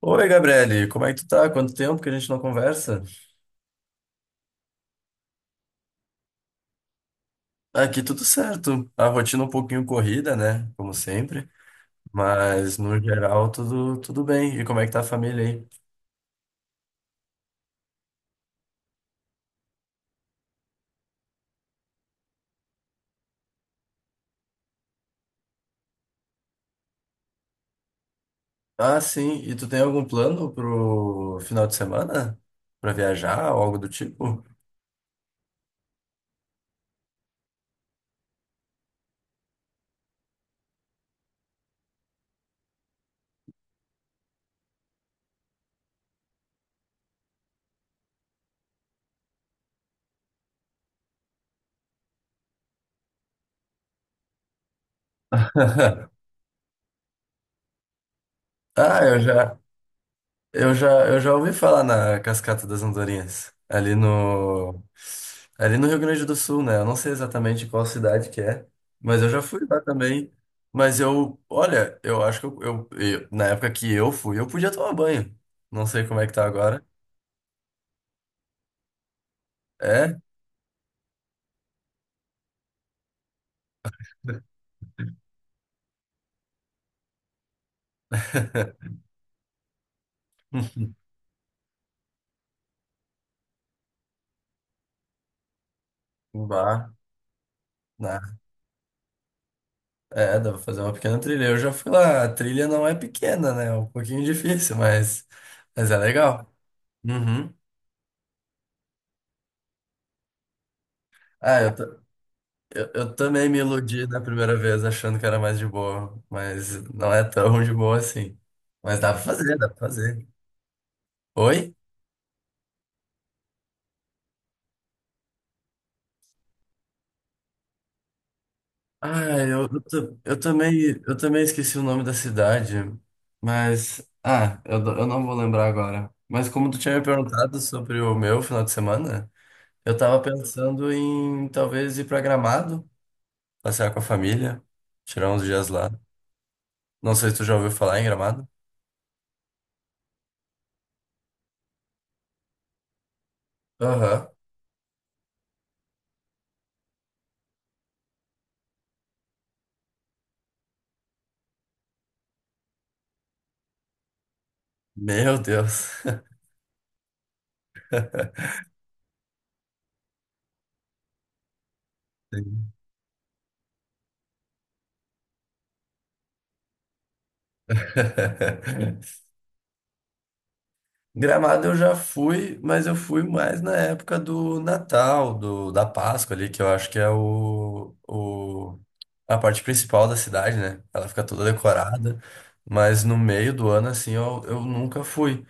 Oi, Gabriele, como é que tu tá? Quanto tempo que a gente não conversa? Aqui tudo certo. A rotina um pouquinho corrida, né? Como sempre. Mas no geral tudo bem. E como é que tá a família aí? Ah, sim. E tu tem algum plano pro final de semana? Pra viajar ou algo do tipo? Ah, eu já. Eu já ouvi falar na Cascata das Andorinhas, ali no Rio Grande do Sul, né? Eu não sei exatamente qual cidade que é, mas eu já fui lá também. Mas eu, olha, eu acho que na época que eu fui, eu podia tomar banho. Não sei como é que tá agora. É? Um bar. Né? É, dá pra fazer uma pequena trilha. Eu já fui lá, a trilha não é pequena, né? É um pouquinho difícil, mas é legal. Uhum. Ah, eu, eu também me iludi da primeira vez, achando que era mais de boa, mas não é tão de boa assim. Mas dá pra fazer, dá pra fazer. Oi? Ah, eu também esqueci o nome da cidade, mas. Eu não vou lembrar agora. Mas como tu tinha me perguntado sobre o meu final de semana, eu tava pensando em talvez ir pra Gramado, passear com a família, tirar uns dias lá. Não sei se tu já ouviu falar em Gramado. Aham. Meu Deus. Gramado eu já fui, mas eu fui mais na época do Natal, da Páscoa ali, que eu acho que é a parte principal da cidade, né? Ela fica toda decorada, mas no meio do ano, assim, eu nunca fui.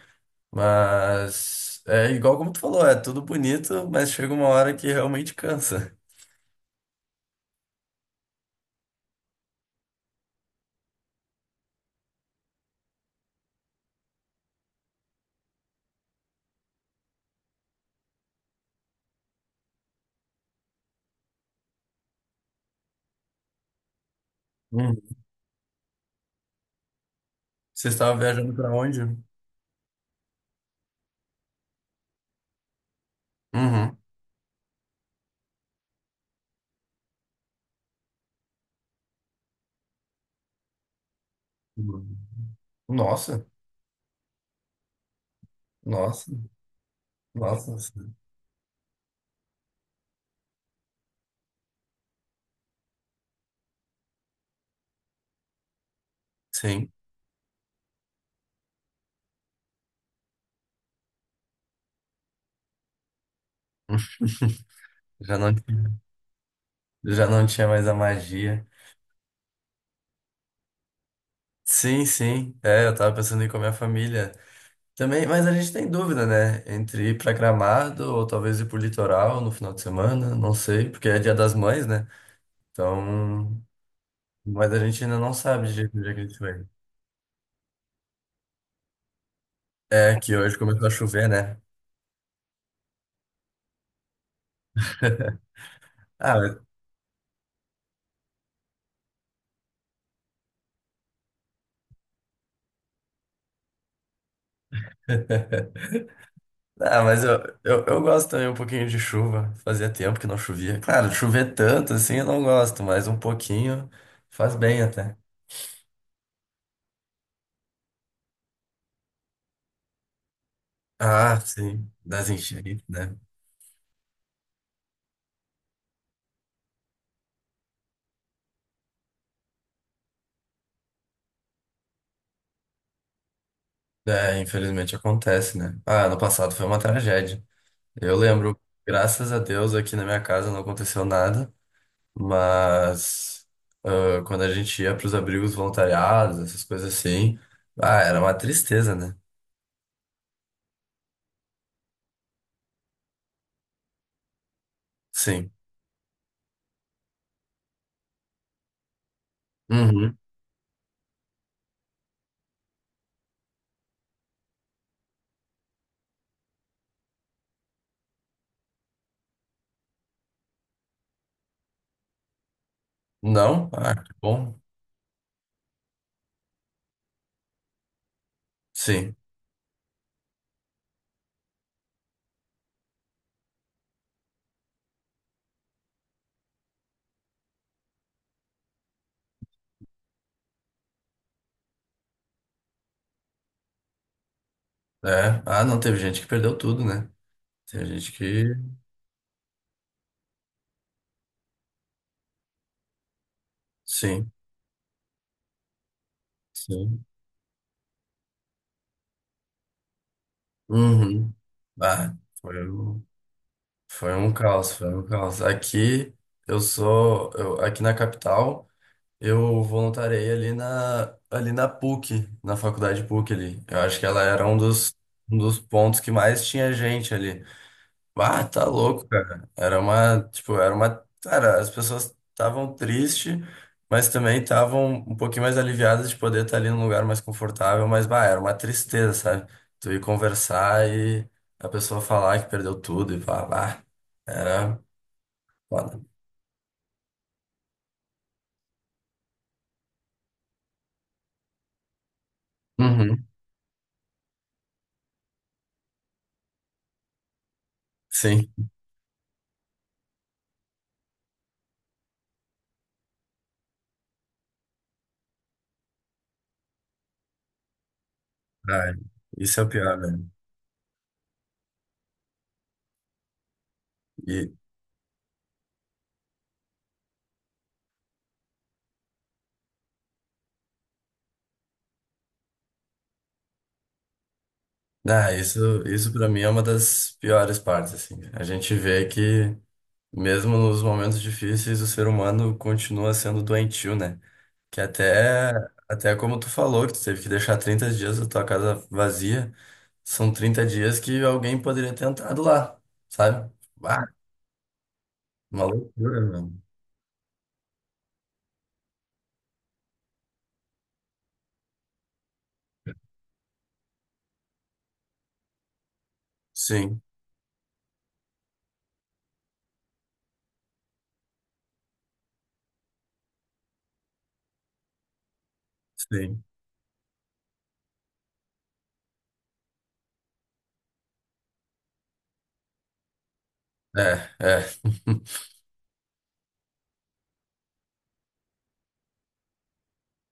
Mas é igual como tu falou, é tudo bonito, mas chega uma hora que realmente cansa. Uhum. Você estava viajando pra onde? Uhum. Nossa, nossa, nossa. Sim, já não. Já não tinha mais a magia. Sim, sim. É, eu tava pensando em ir com a minha família. Também, mas a gente tem dúvida, né? Entre ir pra Gramado ou talvez ir pro litoral no final de semana, não sei, porque é Dia das Mães, né? Então, mas a gente ainda não sabe direito o dia que a gente vai. É que hoje começou a chover, né? Ah, mas, ah, mas eu gosto também um pouquinho de chuva. Fazia tempo que não chovia. Claro, chover tanto assim eu não gosto, mas um pouquinho faz bem até. Ah, sim, das enchentes, né? É, infelizmente acontece, né? Ah, ano passado foi uma tragédia. Eu lembro, graças a Deus, aqui na minha casa não aconteceu nada, mas ah, quando a gente ia para os abrigos voluntariados, essas coisas assim, ah, era uma tristeza, né? Sim. Uhum. Não? Ah, que bom. Sim. É. Ah, não, teve gente que perdeu tudo, né? Tem gente que. Sim. Sim. Uhum. Ah, foi. Um. Foi um caos, foi um caos. Aqui aqui na capital, eu voluntariei ali na PUC, na faculdade PUC ali. Eu acho que ela era um dos pontos que mais tinha gente ali. Ah, tá louco, cara. Era uma, cara, as pessoas estavam tristes, mas também estavam um pouquinho mais aliviadas de poder estar ali num lugar mais confortável, mas bah, era uma tristeza, sabe? Tu ir conversar e a pessoa falar que perdeu tudo e falar, bah, era foda. Uhum, sim. Ah, isso é o pior, né? E, ah, isso para mim é uma das piores partes, assim. A gente vê que mesmo nos momentos difíceis, o ser humano continua sendo doentio, né? Que até, até como tu falou, que tu teve que deixar 30 dias da tua casa vazia, são 30 dias que alguém poderia ter entrado lá, sabe? Ah, uma loucura, mano. Sim, sim. É, é.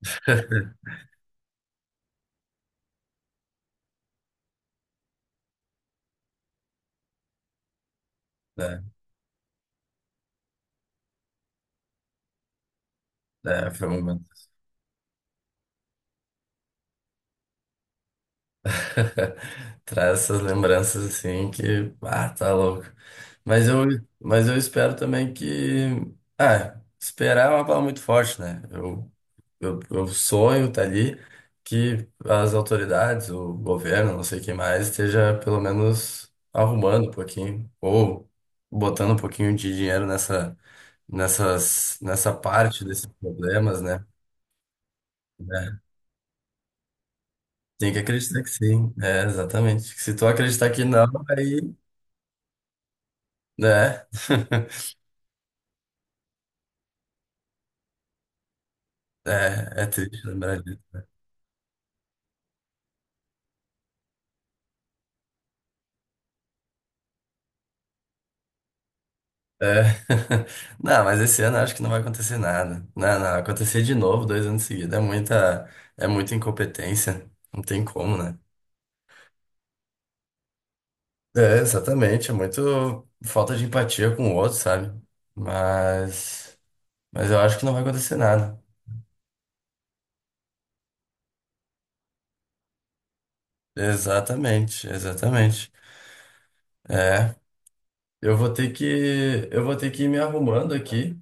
É, é, foi um momento. Traz essas lembranças assim que, ah, tá louco. Mas eu, mas eu espero também que, ah, esperar é uma palavra muito forte, né? Eu sonho tá ali que as autoridades, o governo, não sei quem mais, esteja pelo menos arrumando um pouquinho ou botando um pouquinho de dinheiro nessa parte desses problemas, né? É, tem que acreditar que sim, é, exatamente. Se tu acreditar que não, é, é, é triste lembrar disso. É. Não, mas esse ano eu acho que não vai acontecer nada. Não, não, acontecer de novo dois anos seguidos é muita incompetência. Não tem como, né? É, exatamente. É muito falta de empatia com o outro, sabe? Mas, mas eu acho que não vai acontecer nada. Exatamente, exatamente. É, eu vou ter que ir me arrumando aqui.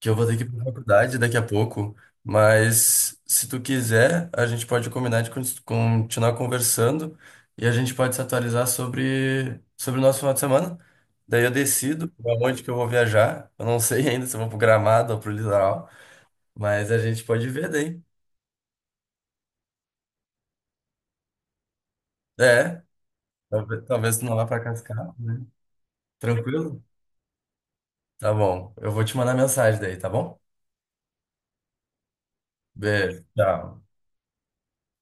Que eu vou ter que ir pra faculdade daqui a pouco, mas se tu quiser, a gente pode combinar de continuar conversando e a gente pode se atualizar sobre o nosso final de semana. Daí eu decido pra onde que eu vou viajar. Eu não sei ainda se eu vou pro Gramado ou pro litoral, mas a gente pode ver daí. É, talvez, talvez tu não vá pra Cascavel, né? Tranquilo? Tá bom. Eu vou te mandar mensagem daí, tá bom? Beijo, tchau.